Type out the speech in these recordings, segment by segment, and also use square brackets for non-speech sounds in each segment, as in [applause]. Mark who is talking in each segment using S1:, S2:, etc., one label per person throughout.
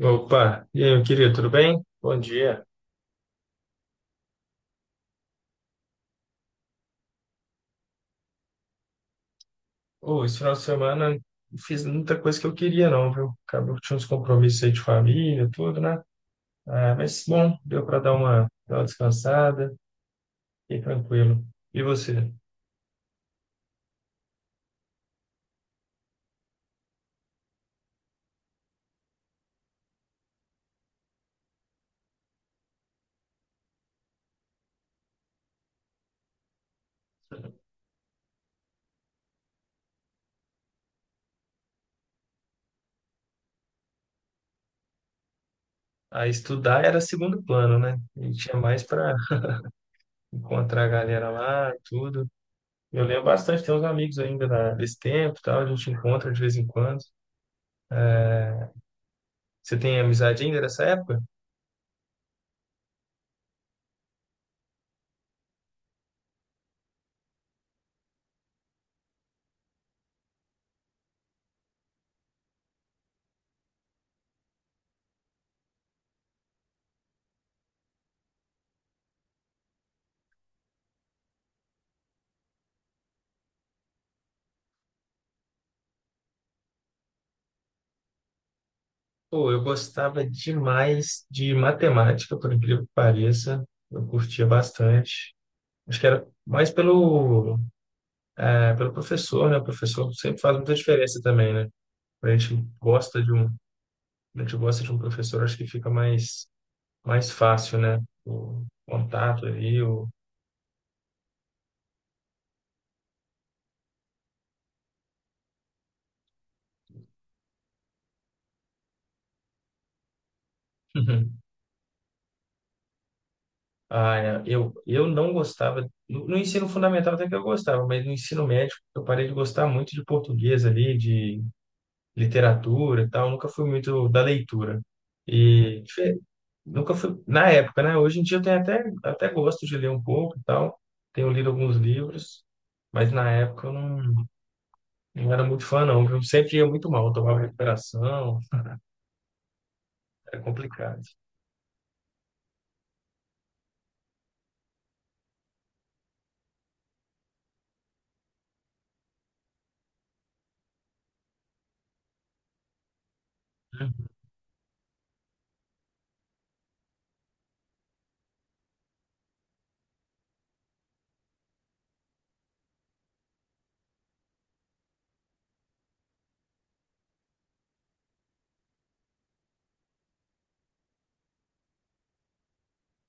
S1: Opa, e aí, meu querido, tudo bem? Bom dia. Ô, esse final de semana não fiz muita coisa que eu queria, não, viu? Acabou que tinha uns compromissos aí de família, tudo, né? Ah, mas bom, deu para dar uma descansada, fiquei tranquilo. E você? Ah, estudar era segundo plano, né? E tinha mais para encontrar a galera lá e tudo. Eu lembro bastante, tem uns amigos ainda desse tempo, e tal, a gente encontra de vez em quando. Você tem amizade ainda dessa época? Pô, eu gostava demais de matemática, por incrível que pareça. Eu curtia bastante. Acho que era mais pelo, é, pelo professor, né? O professor sempre faz muita diferença também, né? Quando a gente gosta de um, a gente gosta de um professor, acho que fica mais, mais fácil, né? O contato ali, o... [laughs] Ah, é, eu não gostava, no ensino fundamental até que eu gostava, mas no ensino médio eu parei de gostar muito de português ali, de literatura e tal, nunca fui muito da leitura. E fe- Nunca fui, na época, né? Hoje em dia eu tenho até, até gosto de ler um pouco e tal, tenho lido alguns livros, mas na época eu não, não era muito fã, não, viu? Sempre ia muito mal, tomava recuperação, era complicado.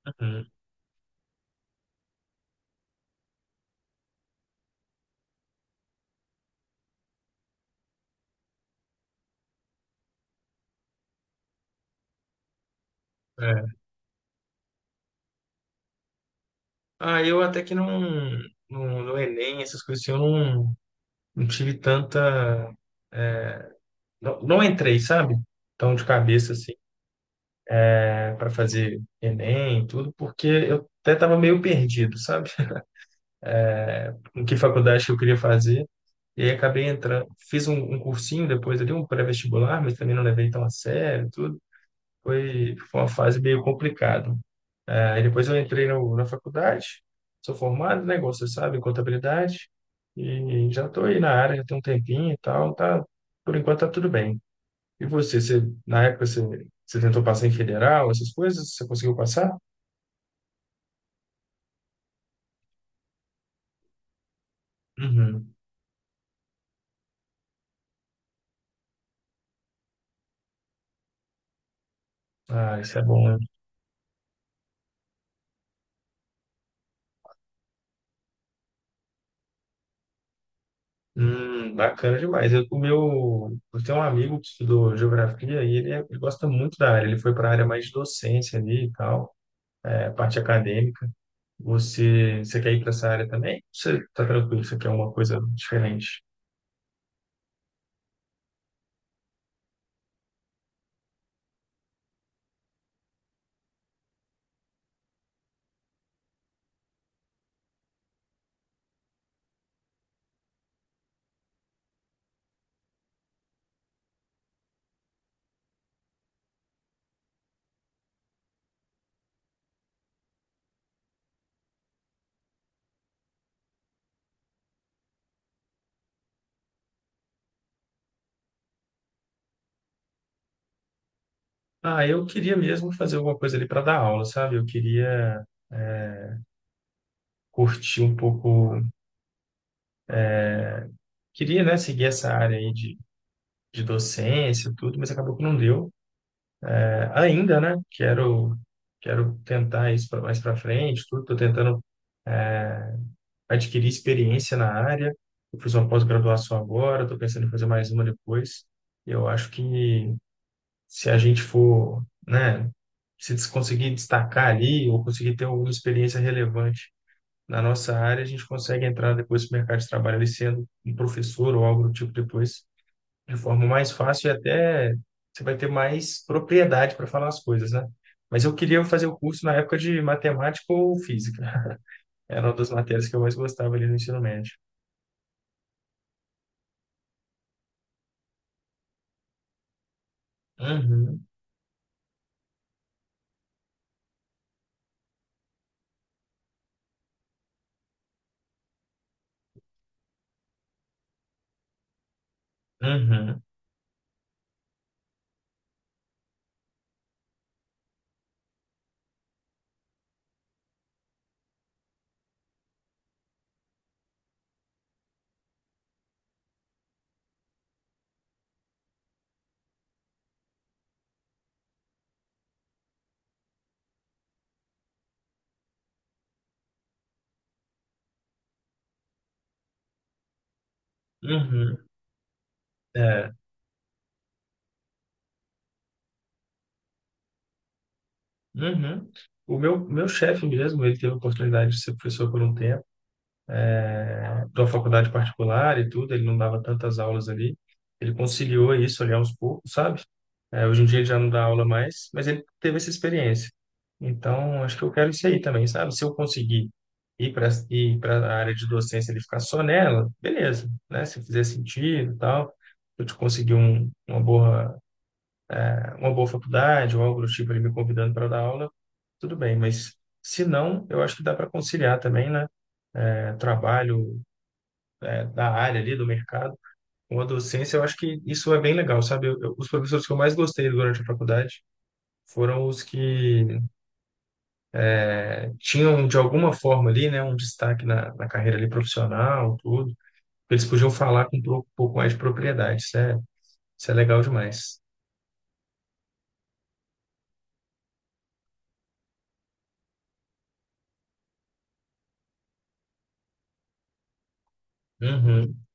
S1: Uhum. É. Ah, eu até que não, no Enem, essas coisas assim, eu não, não tive tanta. Não, não entrei, sabe? Tão de cabeça assim. Para fazer Enem e tudo, porque eu até estava meio perdido, sabe? [laughs] Em que faculdade que eu queria fazer. E aí acabei entrando, fiz um cursinho depois ali, um pré-vestibular, mas também não levei tão a sério, tudo. Foi uma fase meio complicada. Aí depois eu entrei no, na faculdade, sou formado, né, igual você sabe, em contabilidade, e já estou aí na área, já tem um tempinho e tal, tá, por enquanto tá tudo bem. E você, você tentou passar em federal, essas coisas, você conseguiu passar? Uhum. Ah, isso é bom, né? Bacana demais. Eu tenho um amigo que estudou geografia e ele, ele gosta muito da área. Ele foi para a área mais de docência ali e tal, é, parte acadêmica. Você quer ir para essa área também? Você tá tranquilo, você quer uma coisa diferente? Ah, eu queria mesmo fazer alguma coisa ali para dar aula, sabe? Eu queria curtir um pouco, queria, né, seguir essa área aí de docência, e tudo, mas acabou que não deu, ainda, né? Quero tentar isso mais para frente, tudo. Estou tentando, é, adquirir experiência na área. Eu fiz uma pós-graduação agora, estou pensando em fazer mais uma depois. Eu acho que se a gente for, né, se des- conseguir destacar ali ou conseguir ter alguma experiência relevante na nossa área, a gente consegue entrar depois no mercado de trabalho ali sendo um professor ou algo do tipo depois de forma mais fácil, e até você vai ter mais propriedade para falar as coisas, né? Mas eu queria fazer o curso na época de matemática ou física. Era uma das matérias que eu mais gostava ali no ensino médio. Uhum, uhum, uhum, é, uhum. Meu chefe mesmo, ele teve a oportunidade de ser professor por um tempo. É, da faculdade particular e tudo, ele não dava tantas aulas ali. Ele conciliou isso ali aos poucos, sabe? É, hoje em dia ele já não dá aula mais, mas ele teve essa experiência. Então, acho que eu quero isso aí também, sabe? Se eu conseguir ir para a área de docência e ficar só nela, beleza, né? Se fizer sentido e tal, eu te conseguir uma boa faculdade ou algo do tipo, ele me convidando para dar aula, tudo bem, mas se não, eu acho que dá para conciliar também, né? É, trabalho, da área ali, do mercado, com a docência, eu acho que isso é bem legal, sabe? Os professores que eu mais gostei durante a faculdade foram os que tinham, de alguma forma ali, né, um destaque na, na carreira ali profissional, tudo. Eles podiam falar com um pouco mais de propriedade, isso é legal demais. Uhum.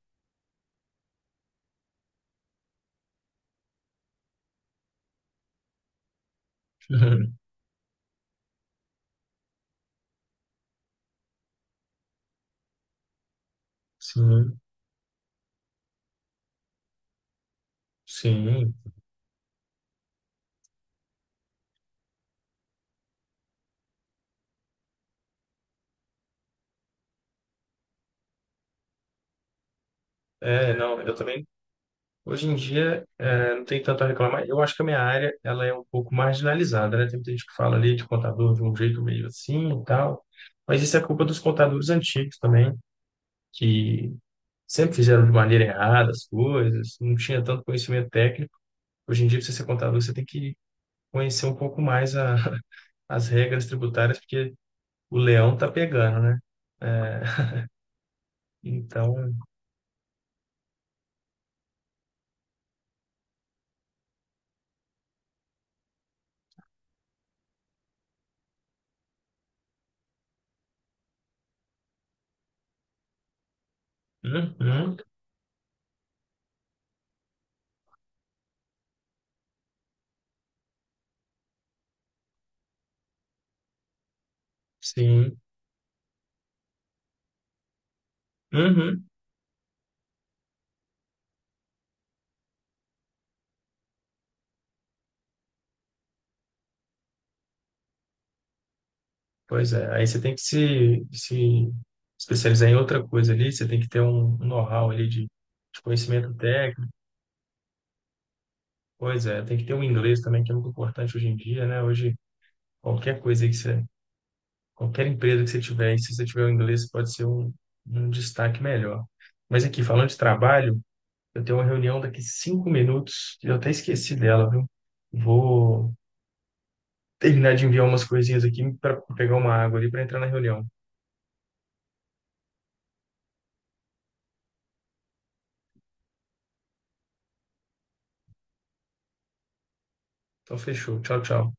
S1: [laughs] Sim, sim. É, não, eu também. Hoje em dia, não tem tanto a reclamar. Eu acho que a minha área, ela é um pouco marginalizada, né? Tem muita gente que fala ali de contador de um jeito meio assim e tal. Mas isso é culpa dos contadores antigos também, que sempre fizeram de maneira errada as coisas, não tinha tanto conhecimento técnico. Hoje em dia, para você ser contador, você tem que conhecer um pouco mais [laughs] as regras tributárias, porque o leão tá pegando, né? Eh, então, uhum, sim. Uhum. Pois é, aí você tem que se especializar em outra coisa ali, você tem que ter um um know-how ali de conhecimento técnico, pois é, tem que ter um inglês também, que é muito importante hoje em dia, né? Hoje, qualquer coisa aí que você, qualquer empresa que você tiver, e se você tiver o inglês, pode ser um destaque melhor. Mas aqui, falando de trabalho, eu tenho uma reunião daqui 5 minutos, e eu até esqueci dela, viu? Vou terminar de enviar umas coisinhas aqui para pegar uma água ali para entrar na reunião. Então, fechou. Tchau, tchau.